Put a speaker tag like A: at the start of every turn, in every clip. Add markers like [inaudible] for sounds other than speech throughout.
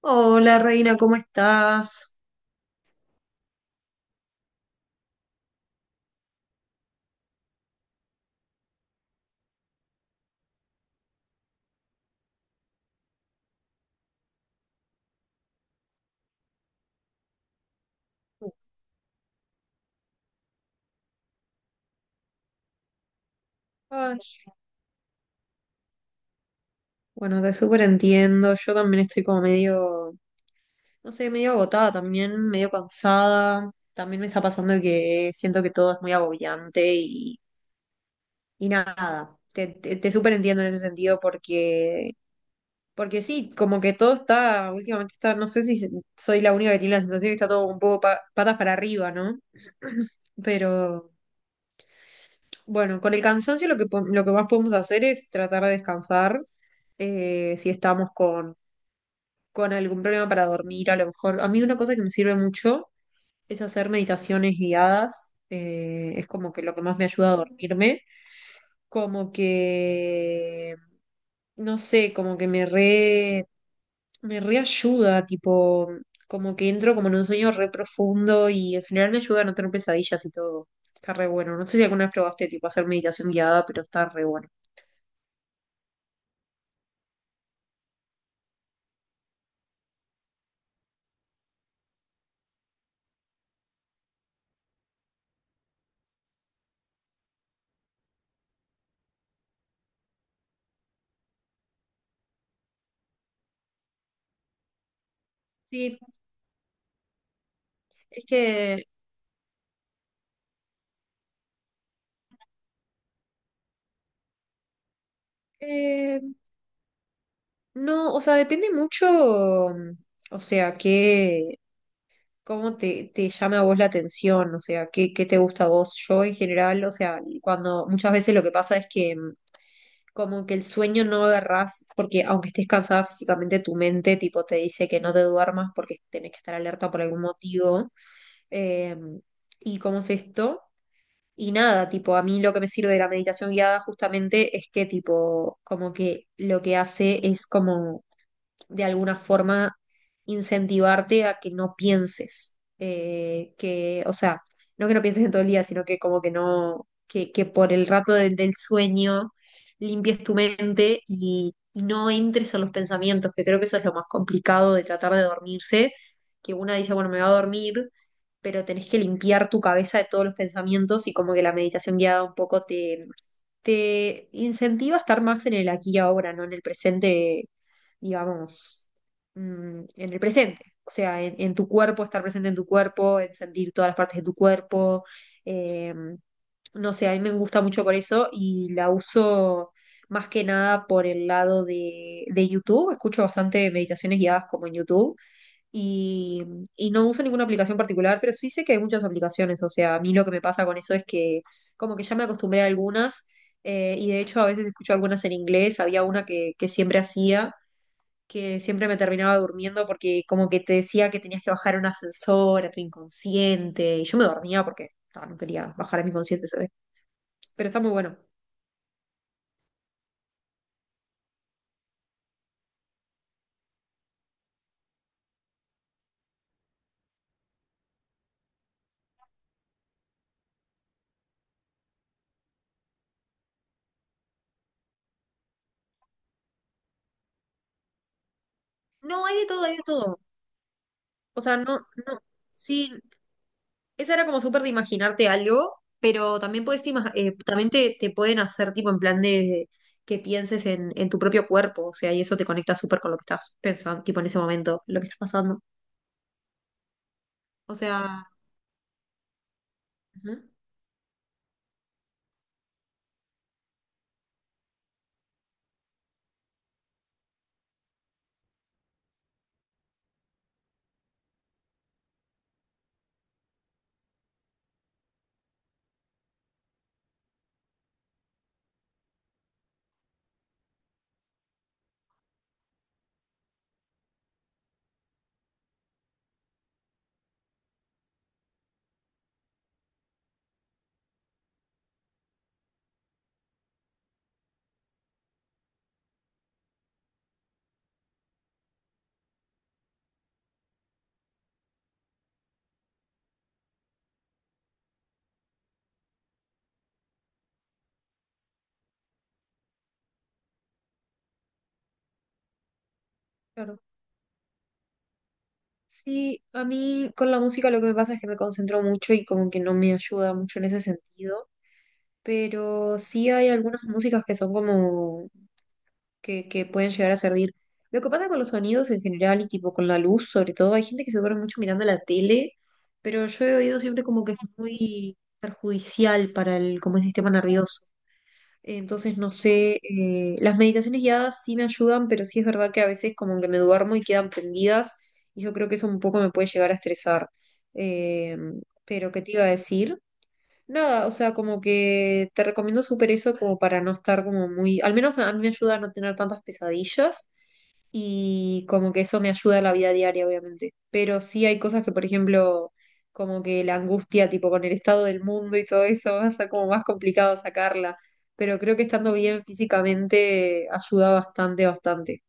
A: Hola Reina, ¿cómo estás? Ay, bueno, te súper entiendo. Yo también estoy como medio, no sé, medio agotada también, medio cansada. También me está pasando que siento que todo es muy agobiante y nada. Te súper entiendo en ese sentido porque sí, como que todo está, últimamente está, no sé si soy la única que tiene la sensación que está todo un poco patas para arriba, ¿no? [clears throat] Pero. Bueno, con el cansancio lo que, lo que más podemos hacer es tratar de descansar. Si estamos con algún problema para dormir, a lo mejor. A mí una cosa que me sirve mucho es hacer meditaciones guiadas. Es como que lo que más me ayuda a dormirme, como que, no sé, como que me me reayuda, tipo, como que entro como en un sueño re profundo y en general me ayuda a no tener pesadillas y todo. Está re bueno. No sé si alguna vez probaste tipo hacer meditación guiada, pero está re bueno. Sí, es que eh, no, o sea, depende mucho, mm, o sea, que cómo te llame a vos la atención, o sea, qué, qué te gusta a vos. Yo en general, o sea, cuando muchas veces lo que pasa es que como que el sueño no lo agarrás, porque aunque estés cansada físicamente, tu mente tipo te dice que no te duermas porque tenés que estar alerta por algún motivo. Eh, ¿Y cómo es esto? Y nada, tipo, a mí lo que me sirve de la meditación guiada justamente es que, tipo, como que lo que hace es como de alguna forma incentivarte a que no pienses, que, o sea, no que no pienses en todo el día, sino que como que no, que por el rato del sueño limpies tu mente y no entres a los pensamientos, que creo que eso es lo más complicado de tratar de dormirse, que una dice, bueno, me va a dormir, pero tenés que limpiar tu cabeza de todos los pensamientos y como que la meditación guiada un poco te... te incentiva a estar más en el aquí y ahora, no en el presente digamos, en el presente. O sea, en tu cuerpo, estar presente en tu cuerpo, en sentir todas las partes de tu cuerpo. eh, no sé, a mí me gusta mucho por eso y la uso más que nada por el lado de YouTube. Escucho bastante meditaciones guiadas como en YouTube y, y no uso ninguna aplicación particular, pero sí sé que hay muchas aplicaciones. O sea, a mí lo que me pasa con eso es que como que ya me acostumbré a algunas. Y de hecho a veces escucho algunas en inglés, había una que siempre hacía, que siempre me terminaba durmiendo porque como que te decía que tenías que bajar un ascensor a tu inconsciente, y yo me dormía porque ah, no quería bajar a mi inconsciente, ¿sabes? Pero está muy bueno. No, hay de todo, hay de todo. O sea, no, no, sí, esa era como súper de imaginarte algo, pero también puedes también te pueden hacer tipo en plan de que pienses en tu propio cuerpo, o sea, y eso te conecta súper con lo que estás pensando, tipo en ese momento, lo que está pasando. O sea, ujú, claro. Sí, a mí con la música lo que me pasa es que me concentro mucho y como que no me ayuda mucho en ese sentido, pero sí hay algunas músicas que son como que pueden llegar a servir. Lo que pasa con los sonidos en general y tipo con la luz, sobre todo, hay gente que se duerme mucho mirando la tele, pero yo he oído siempre como que es muy perjudicial para el, como el sistema nervioso. Entonces, no sé, las meditaciones guiadas sí me ayudan, pero sí es verdad que a veces como que me duermo y quedan prendidas y yo creo que eso un poco me puede llegar a estresar. Eh, pero, ¿qué te iba a decir? Nada, o sea, como que te recomiendo súper eso como para no estar como muy, al menos a mí me ayuda a no tener tantas pesadillas y como que eso me ayuda en la vida diaria, obviamente. Pero sí hay cosas que, por ejemplo, como que la angustia, tipo con el estado del mundo y todo eso, [laughs] va a ser como más complicado sacarla. Pero creo que estando bien físicamente ayuda bastante, bastante.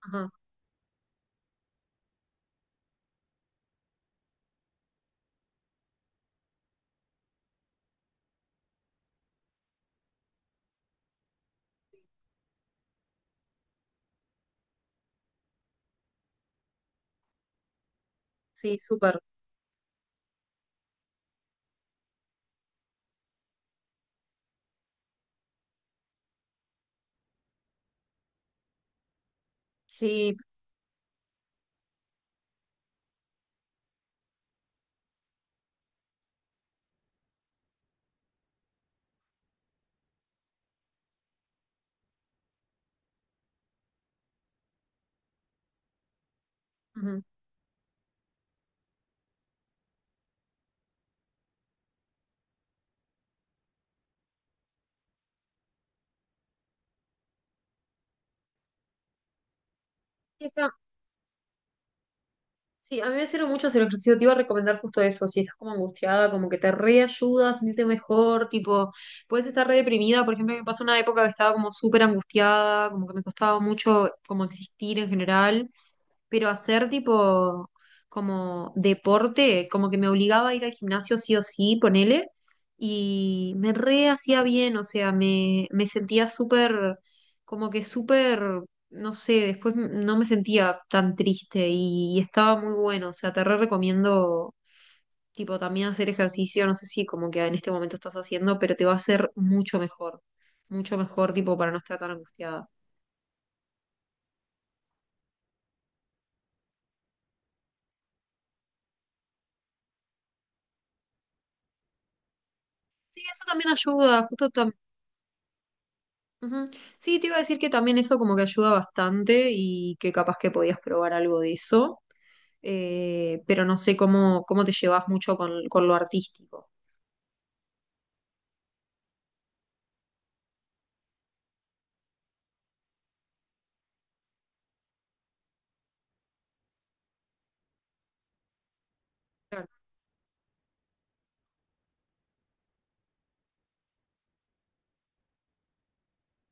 A: Ajá, sí, súper. Sí. Ujú. Sí, está- Sí, a mí me sirve mucho hacer ejercicio. Te iba a recomendar justo eso. Si estás como angustiada, como que te reayuda a sentirte mejor. Tipo, puedes estar re deprimida. Por ejemplo, me pasó una época que estaba como súper angustiada, como que me costaba mucho como existir en general, pero hacer tipo como deporte, como que me obligaba a ir al gimnasio sí o sí, ponele, y me re hacía bien, o sea, me sentía súper, como que súper, no sé, después no me sentía tan triste y estaba muy bueno, o sea, te re recomiendo tipo también hacer ejercicio, no sé si como que en este momento estás haciendo, pero te va a hacer mucho mejor tipo para no estar tan angustiada. Sí, eso también ayuda, justo. Ujú. Sí, te iba a decir que también eso como que ayuda bastante y que capaz que podías probar algo de eso, pero no sé cómo, cómo te llevas mucho con lo artístico. Claro.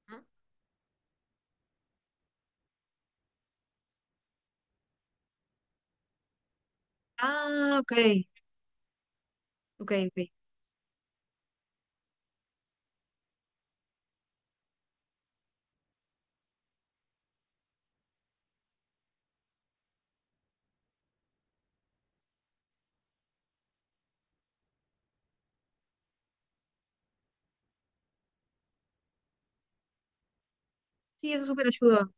A: Ujú. Ah, ok, ok, ok. Sí, eso súper ayuda.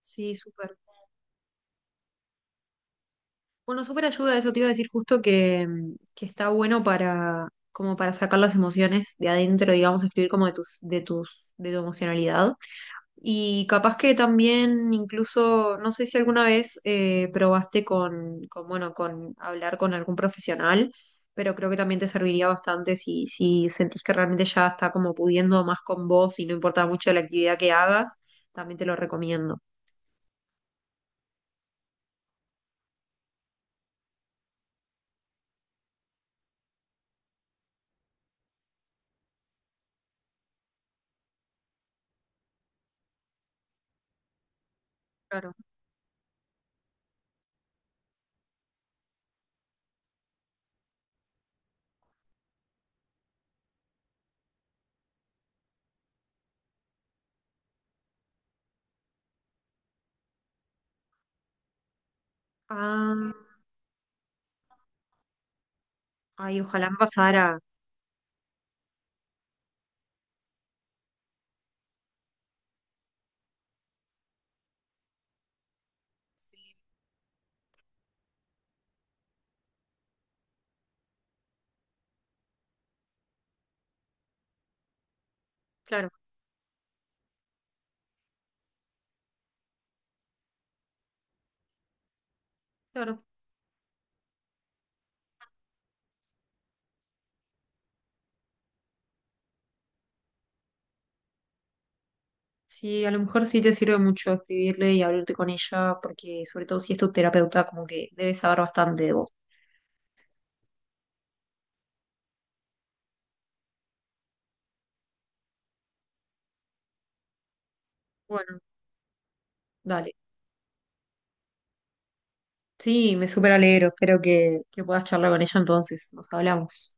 A: Sí, súper. Bueno, súper ayuda, eso te iba a decir justo que, que está bueno para, como para sacar las emociones de adentro, digamos, escribir como de tus, de tus, de tu emocionalidad. Y capaz que también incluso, no sé si alguna vez probaste con, bueno, con hablar con algún profesional, pero creo que también te serviría bastante si, si sentís que realmente ya está como pudiendo más con vos y no importa mucho la actividad que hagas, también te lo recomiendo. Claro. Ah, ay, ojalá me pasara. Claro, claro. Sí, a lo mejor sí te sirve mucho escribirle y abrirte con ella, porque sobre todo si es tu terapeuta, como que debes saber bastante de vos. Bueno, dale. Sí, me súper alegro. Espero que puedas charlar con ella entonces. Nos hablamos.